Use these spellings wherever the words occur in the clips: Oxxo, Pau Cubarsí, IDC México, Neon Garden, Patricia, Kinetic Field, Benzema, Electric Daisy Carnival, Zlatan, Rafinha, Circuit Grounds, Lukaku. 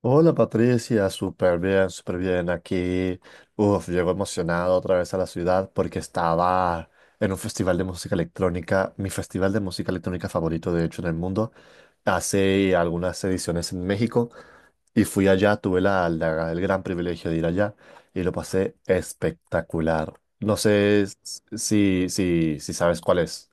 Hola Patricia, súper bien aquí. Uf, llego emocionado otra vez a la ciudad porque estaba en un festival de música electrónica, mi festival de música electrónica favorito de hecho en el mundo, hace algunas ediciones en México y fui allá, tuve el gran privilegio de ir allá y lo pasé espectacular. No sé si sabes cuál es.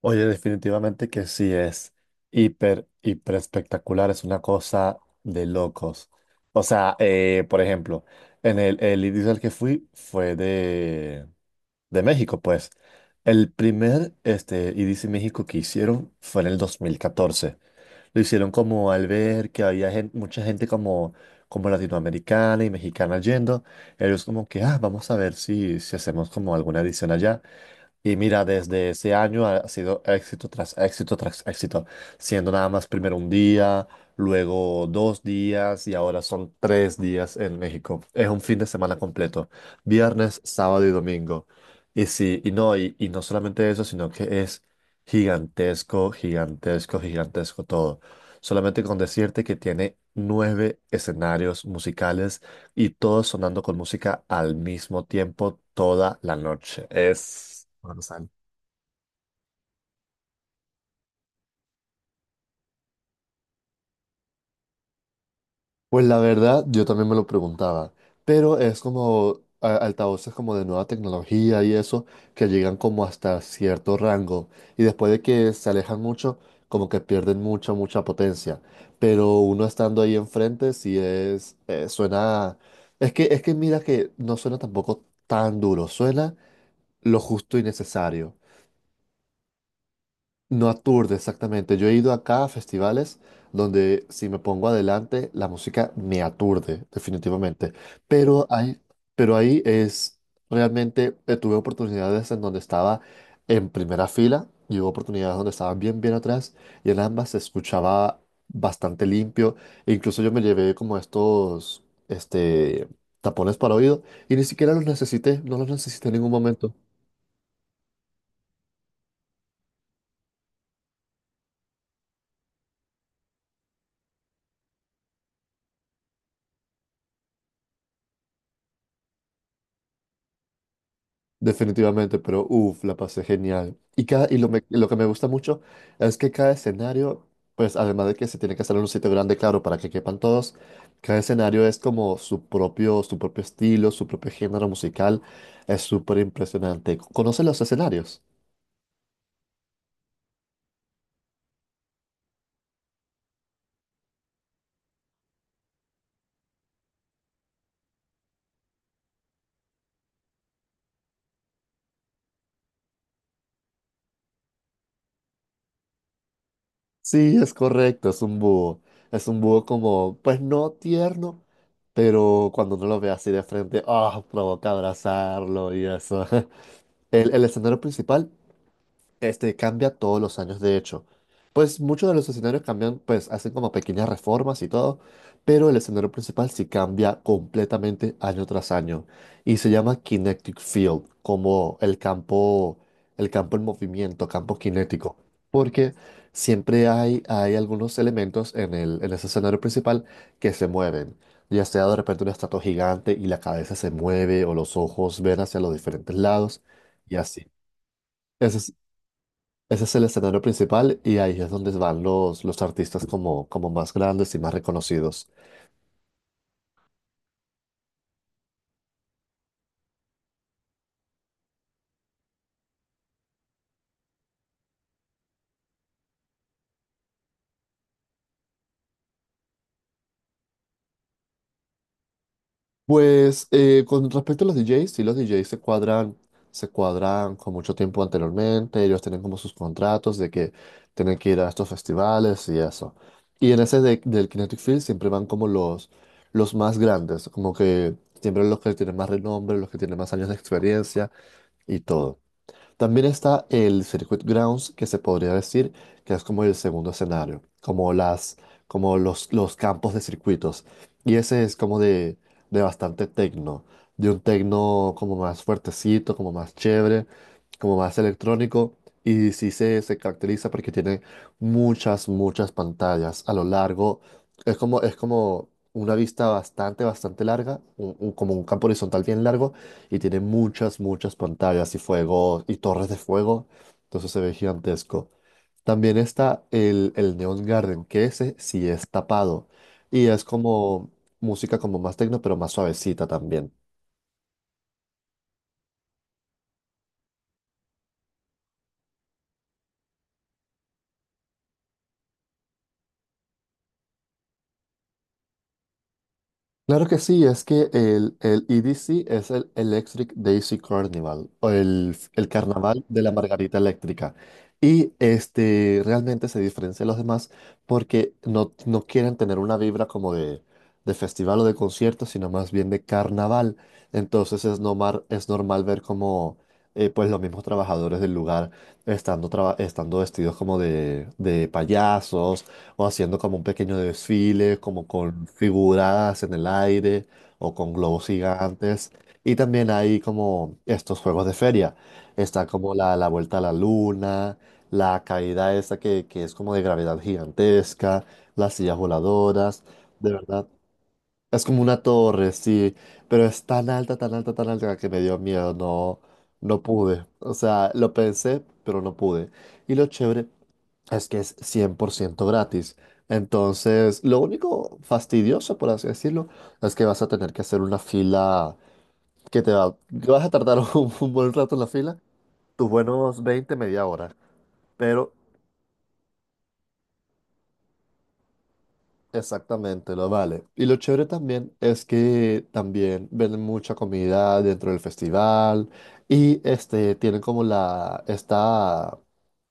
Oye, definitivamente que sí es hiper, hiper espectacular, es una cosa de locos. O sea, por ejemplo, en el inicio al que fui fue de México, pues. El primer IDC México que hicieron fue en el 2014. Lo hicieron como al ver que había mucha gente como, como latinoamericana y mexicana yendo. Ellos como que, ah, vamos a ver si hacemos como alguna edición allá. Y mira, desde ese año ha sido éxito tras éxito tras éxito, siendo nada más primero un día, luego 2 días y ahora son 3 días en México. Es un fin de semana completo, viernes, sábado y domingo. Y sí, y no, y no solamente eso, sino que es gigantesco, gigantesco, gigantesco todo. Solamente con decirte que tiene nueve escenarios musicales y todo sonando con música al mismo tiempo toda la noche. Es colosal. Pues la verdad, yo también me lo preguntaba, pero es como altavoces como de nueva tecnología y eso, que llegan como hasta cierto rango y después de que se alejan mucho, como que pierden mucha, mucha potencia. Pero uno estando ahí enfrente, sí es, suena. Es que mira que no suena tampoco tan duro, suena lo justo y necesario. No aturde, exactamente. Yo he ido acá a festivales donde si me pongo adelante, la música me aturde, definitivamente. Pero ahí, pero ahí es realmente, tuve oportunidades en donde estaba en primera fila y hubo oportunidades donde estaba bien, bien atrás y en ambas se escuchaba bastante limpio. E incluso yo me llevé como estos, este, tapones para oído y ni siquiera los necesité, no los necesité en ningún momento. Definitivamente, pero uff, la pasé genial. Y, cada, y lo, me- lo que me gusta mucho es que cada escenario, pues además de que se tiene que hacer en un sitio grande, claro, para que quepan todos, cada escenario es como su propio estilo, su propio género musical. Es súper impresionante. ¿Conoces los escenarios? Sí, es correcto, es un búho. Es un búho como, pues no tierno, pero cuando uno lo ve así de frente, ah, provoca abrazarlo y eso. El escenario principal. Este cambia todos los años, de hecho. Pues muchos de los escenarios cambian, pues hacen como pequeñas reformas y todo, pero el escenario principal sí cambia completamente año tras año y se llama Kinetic Field, como el campo en movimiento, campo cinético, porque siempre hay algunos elementos en ese escenario principal que se mueven, ya sea de repente una estatua gigante y la cabeza se mueve o los ojos ven hacia los diferentes lados y así. Ese es- ese es el escenario principal y ahí es donde van los artistas como más grandes y más reconocidos. Pues con respecto a los DJs, sí, los DJs se cuadran con mucho tiempo anteriormente, ellos tienen como sus contratos de que tienen que ir a estos festivales y eso. Y en ese del Kinetic Field siempre van como los más grandes, como que siempre los que tienen más renombre, los que tienen más años de experiencia y todo. También está el Circuit Grounds, que se podría decir que es como el segundo escenario, como los campos de circuitos. Y ese es como de bastante tecno, de un tecno como más fuertecito, como más chévere, como más electrónico. Y sí se caracteriza porque tiene muchas, muchas pantallas a lo largo. Es como una vista bastante, bastante larga, como un campo horizontal bien largo y tiene muchas, muchas pantallas y fuego y torres de fuego. Entonces se ve gigantesco. También está el Neon Garden, que ese sí es tapado. Y es como música como más tecno, pero más suavecita también. Claro que sí, es que el EDC es el Electric Daisy Carnival, o el Carnaval de la Margarita Eléctrica. Y realmente se diferencia de los demás porque no, no quieren tener una vibra como de festival o de concierto, sino más bien de carnaval. Entonces es normal ver como pues los mismos trabajadores del lugar estando vestidos como de payasos o haciendo como un pequeño desfile, como con figuras en el aire o con globos gigantes. Y también hay como estos juegos de feria. Está como la vuelta a la luna, la caída esta que es como de gravedad gigantesca, las sillas voladoras, de verdad. Es como una torre, sí, pero es tan alta, tan alta, tan alta que me dio miedo, no, no pude. O sea, lo pensé, pero no pude. Y lo chévere es que es 100% gratis. Entonces, lo único fastidioso, por así decirlo, es que vas a tener que hacer una fila que vas a tardar un buen rato en la fila, tus buenos 20 media hora. Pero. Exactamente, lo vale. Y lo chévere también es que también venden mucha comida dentro del festival y tienen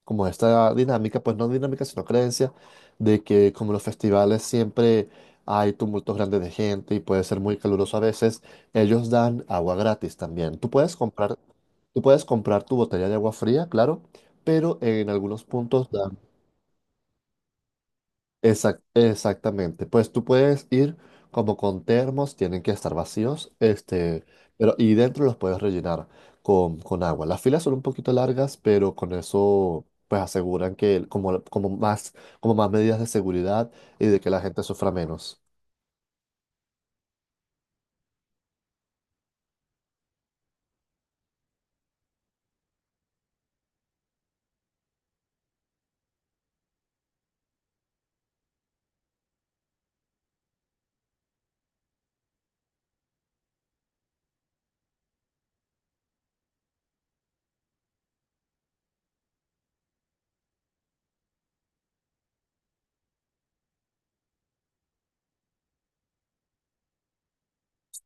como esta dinámica, pues no dinámica, sino creencia de que como los festivales siempre hay tumultos grandes de gente y puede ser muy caluroso a veces, ellos dan agua gratis también. Tú puedes comprar tu botella de agua fría, claro, pero en algunos puntos dan. Exactamente. Pues tú puedes ir como con termos, tienen que estar vacíos, pero y dentro los puedes rellenar con agua. Las filas son un poquito largas, pero con eso pues aseguran que como más medidas de seguridad y de que la gente sufra menos.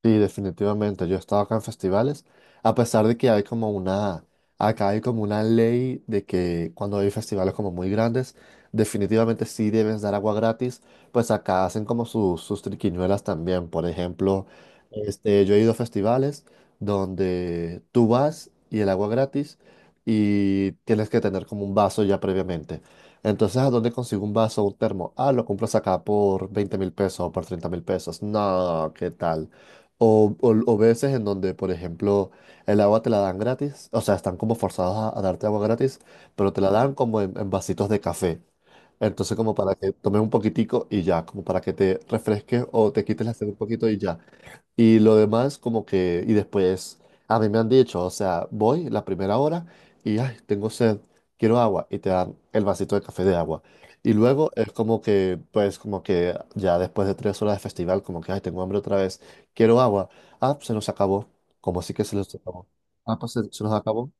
Sí, definitivamente. Yo he estado acá en festivales, a pesar de que acá hay como una ley de que cuando hay festivales como muy grandes, definitivamente sí debes dar agua gratis, pues acá hacen como sus triquiñuelas también. Por ejemplo, yo he ido a festivales donde tú vas y el agua gratis y tienes que tener como un vaso ya previamente. Entonces, ¿a dónde consigo un vaso o un termo? Ah, lo compras acá por 20.000 pesos o por 30.000 pesos. No, ¿qué tal? O veces en donde, por ejemplo, el agua te la dan gratis, o sea, están como forzados a darte agua gratis, pero te la dan como en vasitos de café. Entonces, como para que tomes un poquitico y ya, como para que te refresques o te quites la sed un poquito y ya. Y lo demás, como que, y después, a mí me han dicho, o sea, voy la primera hora y, ay, tengo sed, quiero agua, y te dan el vasito de café de agua. Y luego es como que, pues, como que ya después de 3 horas de festival, como que, ay, tengo hambre otra vez, quiero agua. Ah, pues, se nos acabó. ¿Como así que se nos acabó? Ah, pues se nos acabó.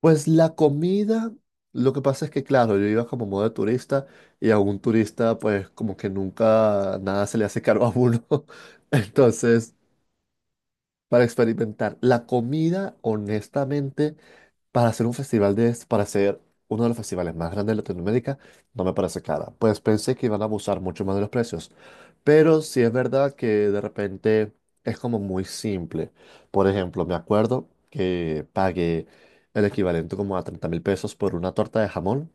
Pues la comida, lo que pasa es que, claro, yo iba como modo de turista y a un turista, pues, como que nunca nada se le hace caro a uno. Entonces. Para experimentar la comida, honestamente, para hacer uno de los festivales más grandes de Latinoamérica, no me parece cara. Pues pensé que iban a abusar mucho más de los precios. Pero sí es verdad que de repente es como muy simple. Por ejemplo, me acuerdo que pagué el equivalente como a 30.000 pesos por una torta de jamón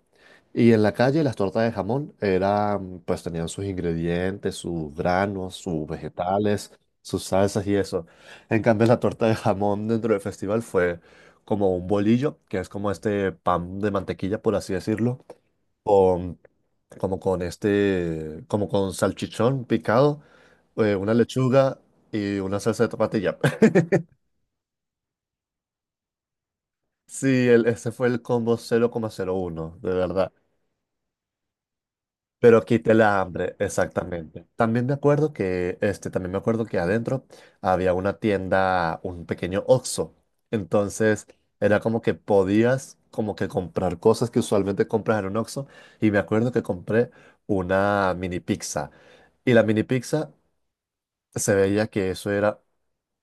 y en la calle las tortas de jamón eran, pues tenían sus ingredientes, sus granos, sus vegetales, sus salsas y eso. En cambio, la torta de jamón dentro del festival fue como un bolillo, que es como este pan de mantequilla, por así decirlo, con, como con este, como con salchichón picado, una lechuga y una salsa de tomatilla. Sí, ese fue el combo 0,01, de verdad. Pero quité la hambre, exactamente. También me acuerdo que adentro había una tienda, un pequeño Oxxo. Entonces, era como que podías como que comprar cosas que usualmente compras en un Oxxo. Y me acuerdo que compré una mini pizza. Y la mini pizza se veía que eso era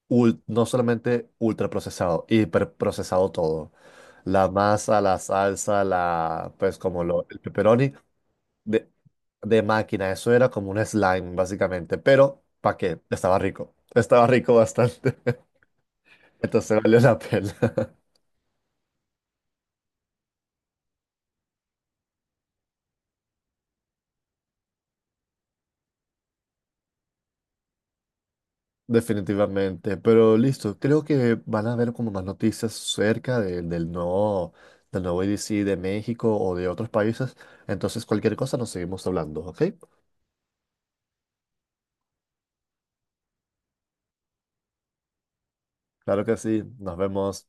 no solamente ultraprocesado, hiperprocesado todo. La masa, la salsa, la, pues como lo, el pepperoni de, de máquina. Eso era como un slime, básicamente. Pero, ¿para qué? Estaba rico. Estaba rico bastante. Entonces valió la pena. Definitivamente. Pero listo, creo que van a haber como más noticias cerca del nuevo EDC de México o de otros países. Entonces, cualquier cosa nos seguimos hablando, ¿ok? Claro que sí. Nos vemos.